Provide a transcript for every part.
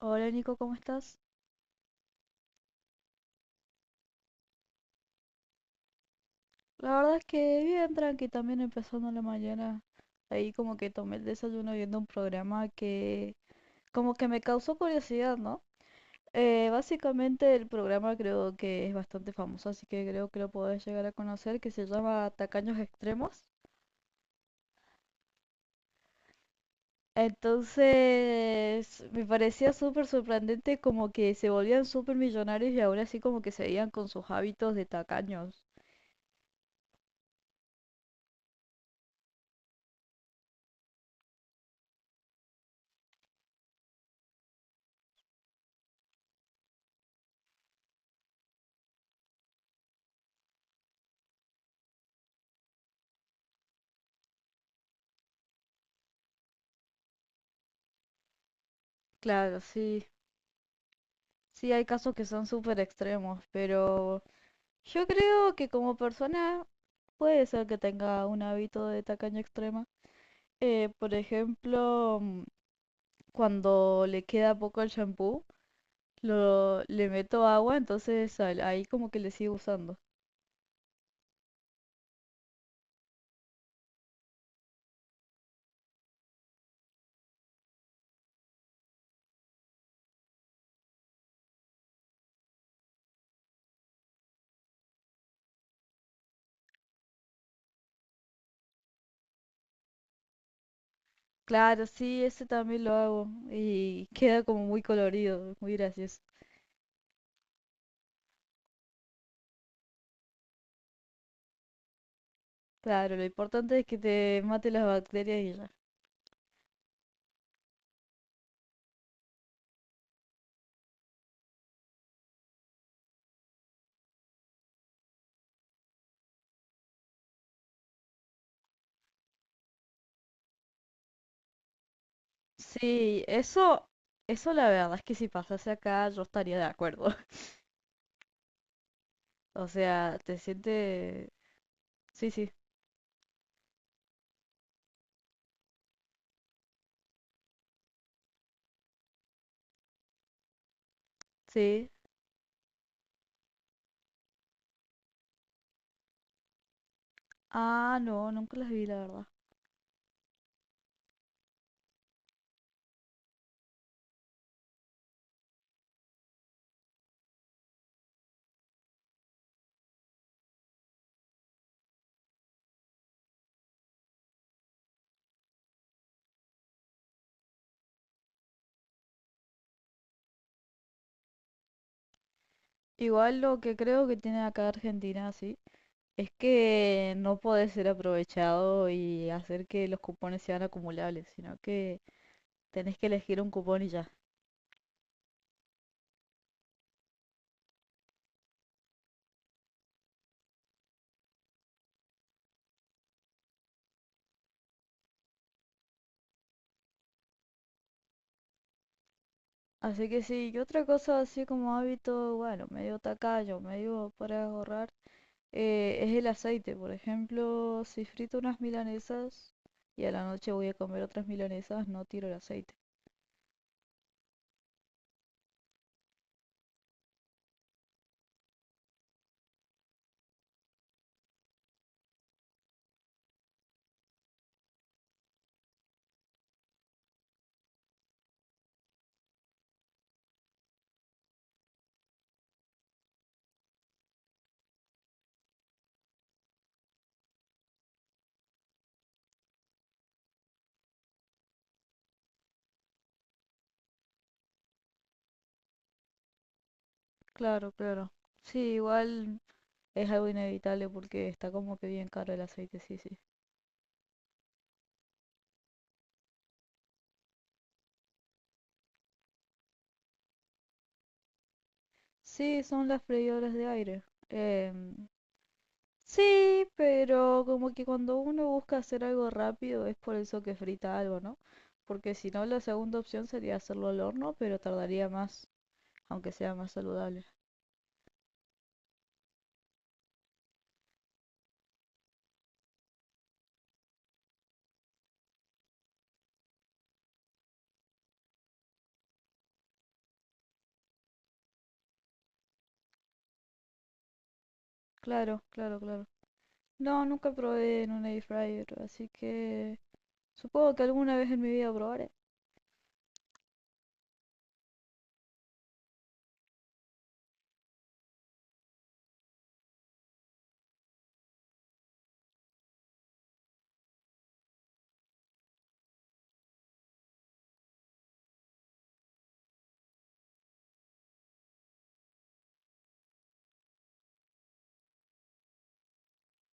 Hola Nico, ¿cómo estás? La verdad es que bien tranqui, también empezando la mañana. Ahí como que tomé el desayuno viendo un programa que como que me causó curiosidad, ¿no? Básicamente el programa creo que es bastante famoso, así que creo que lo podés llegar a conocer, que se llama Tacaños Extremos. Entonces, me parecía súper sorprendente como que se volvían súper millonarios y ahora así como que seguían con sus hábitos de tacaños. Claro, sí. Sí, hay casos que son súper extremos, pero yo creo que como persona puede ser que tenga un hábito de tacaña extrema. Por ejemplo, cuando le queda poco el shampoo, le meto agua, entonces ahí como que le sigo usando. Claro, sí, ese también lo hago y queda como muy colorido, muy gracioso. Claro, lo importante es que te mate las bacterias y ya. Sí, eso la verdad es que si pasase acá yo estaría de acuerdo. O sea, te sientes... Sí, sí, sí. Ah, no, nunca las vi, la verdad. Igual lo que creo que tiene acá Argentina, sí, es que no podés ser aprovechado y hacer que los cupones sean acumulables, sino que tenés que elegir un cupón y ya. Así que sí, y otra cosa así como hábito, bueno, medio tacaño, medio para ahorrar, es el aceite. Por ejemplo, si frito unas milanesas y a la noche voy a comer otras milanesas, no tiro el aceite. Claro, claro. Sí, igual es algo inevitable porque está como que bien caro el aceite, sí, sí. Sí, son las freidoras de aire. Em, sí, pero como que cuando uno busca hacer algo rápido es por eso que frita algo, ¿no? Porque si no, la segunda opción sería hacerlo al horno, pero tardaría más, aunque sea más saludable. Claro, claro, claro. No, nunca probé en un air fryer, así que supongo que alguna vez en mi vida probaré.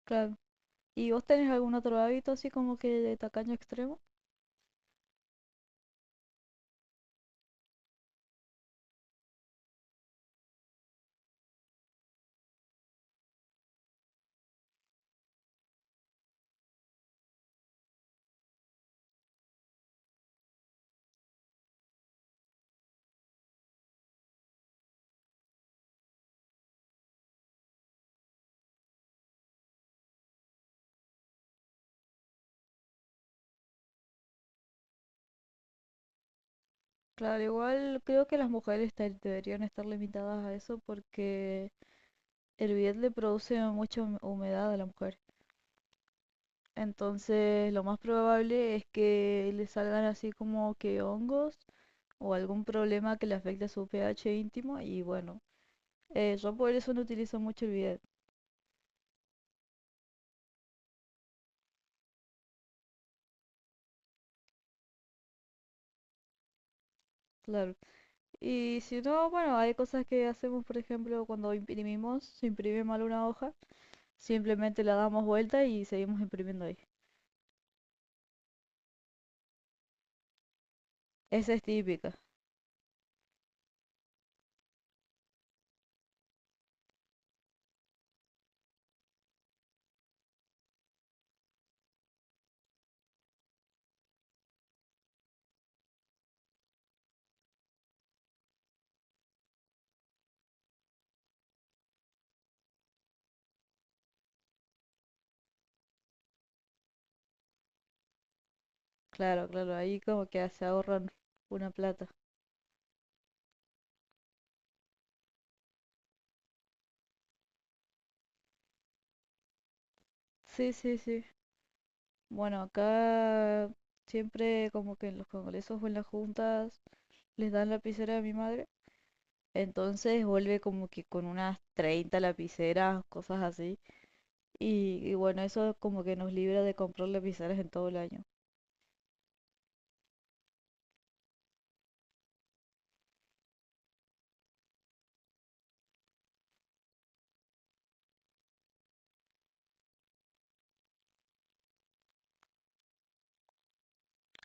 Claro. ¿Y vos tenés algún otro hábito así como que de tacaño extremo? Claro, igual creo que las mujeres deberían estar limitadas a eso porque el bidet le produce mucha humedad a la mujer. Entonces, lo más probable es que le salgan así como que hongos o algún problema que le afecte a su pH íntimo y bueno, yo por eso no utilizo mucho el bidet, claro. Y si no, bueno, hay cosas que hacemos, por ejemplo, cuando imprimimos, se imprime mal una hoja. Simplemente la damos vuelta y seguimos imprimiendo ahí. Esa es típica. Claro, claro, ahí como que se ahorran una plata. Sí, sí, sí. Bueno, acá siempre como que en los congresos o en las juntas les dan lapicera a mi madre. Entonces vuelve como que con unas 30 lapiceras, cosas así. Y bueno, eso como que nos libra de comprar lapiceras en todo el año.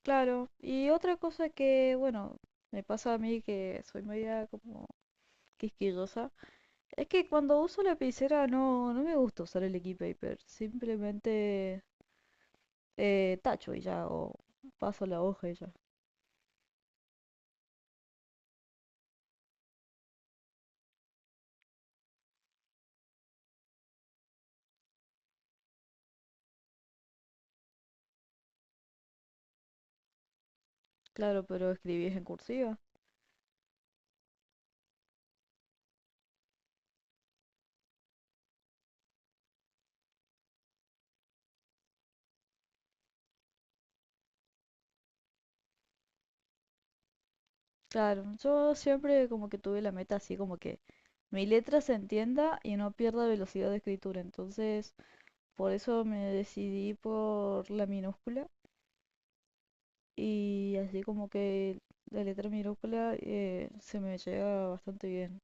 Claro, y otra cosa que, bueno, me pasa a mí que soy media como quisquillosa. Es que cuando uso lapicera no me gusta usar el Liquid Paper. Simplemente tacho y ya, o paso la hoja y ya. Claro, pero escribís en cursiva. Claro, yo siempre como que tuve la meta así como que mi letra se entienda y no pierda velocidad de escritura. Entonces, por eso me decidí por la minúscula y así como que la letra minúscula se me llega bastante bien.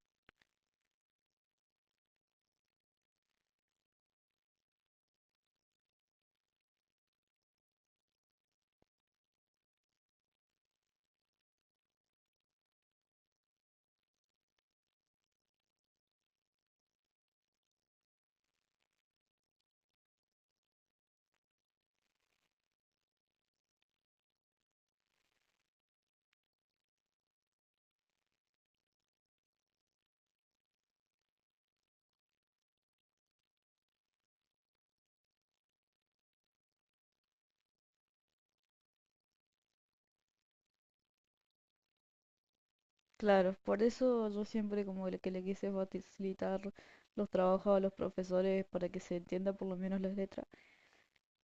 Claro, por eso yo siempre como que le quise facilitar los trabajos a los profesores para que se entienda por lo menos las letras.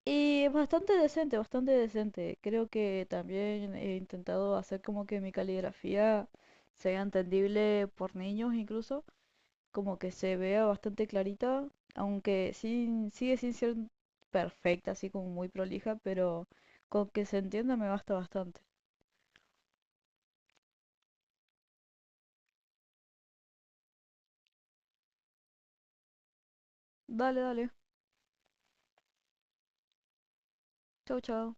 Y bastante decente, bastante decente. Creo que también he intentado hacer como que mi caligrafía sea entendible por niños incluso, como que se vea bastante clarita, aunque sin, sigue sin ser perfecta, así como muy prolija, pero con que se entienda me basta bastante. Dale, dale. Chau, chau.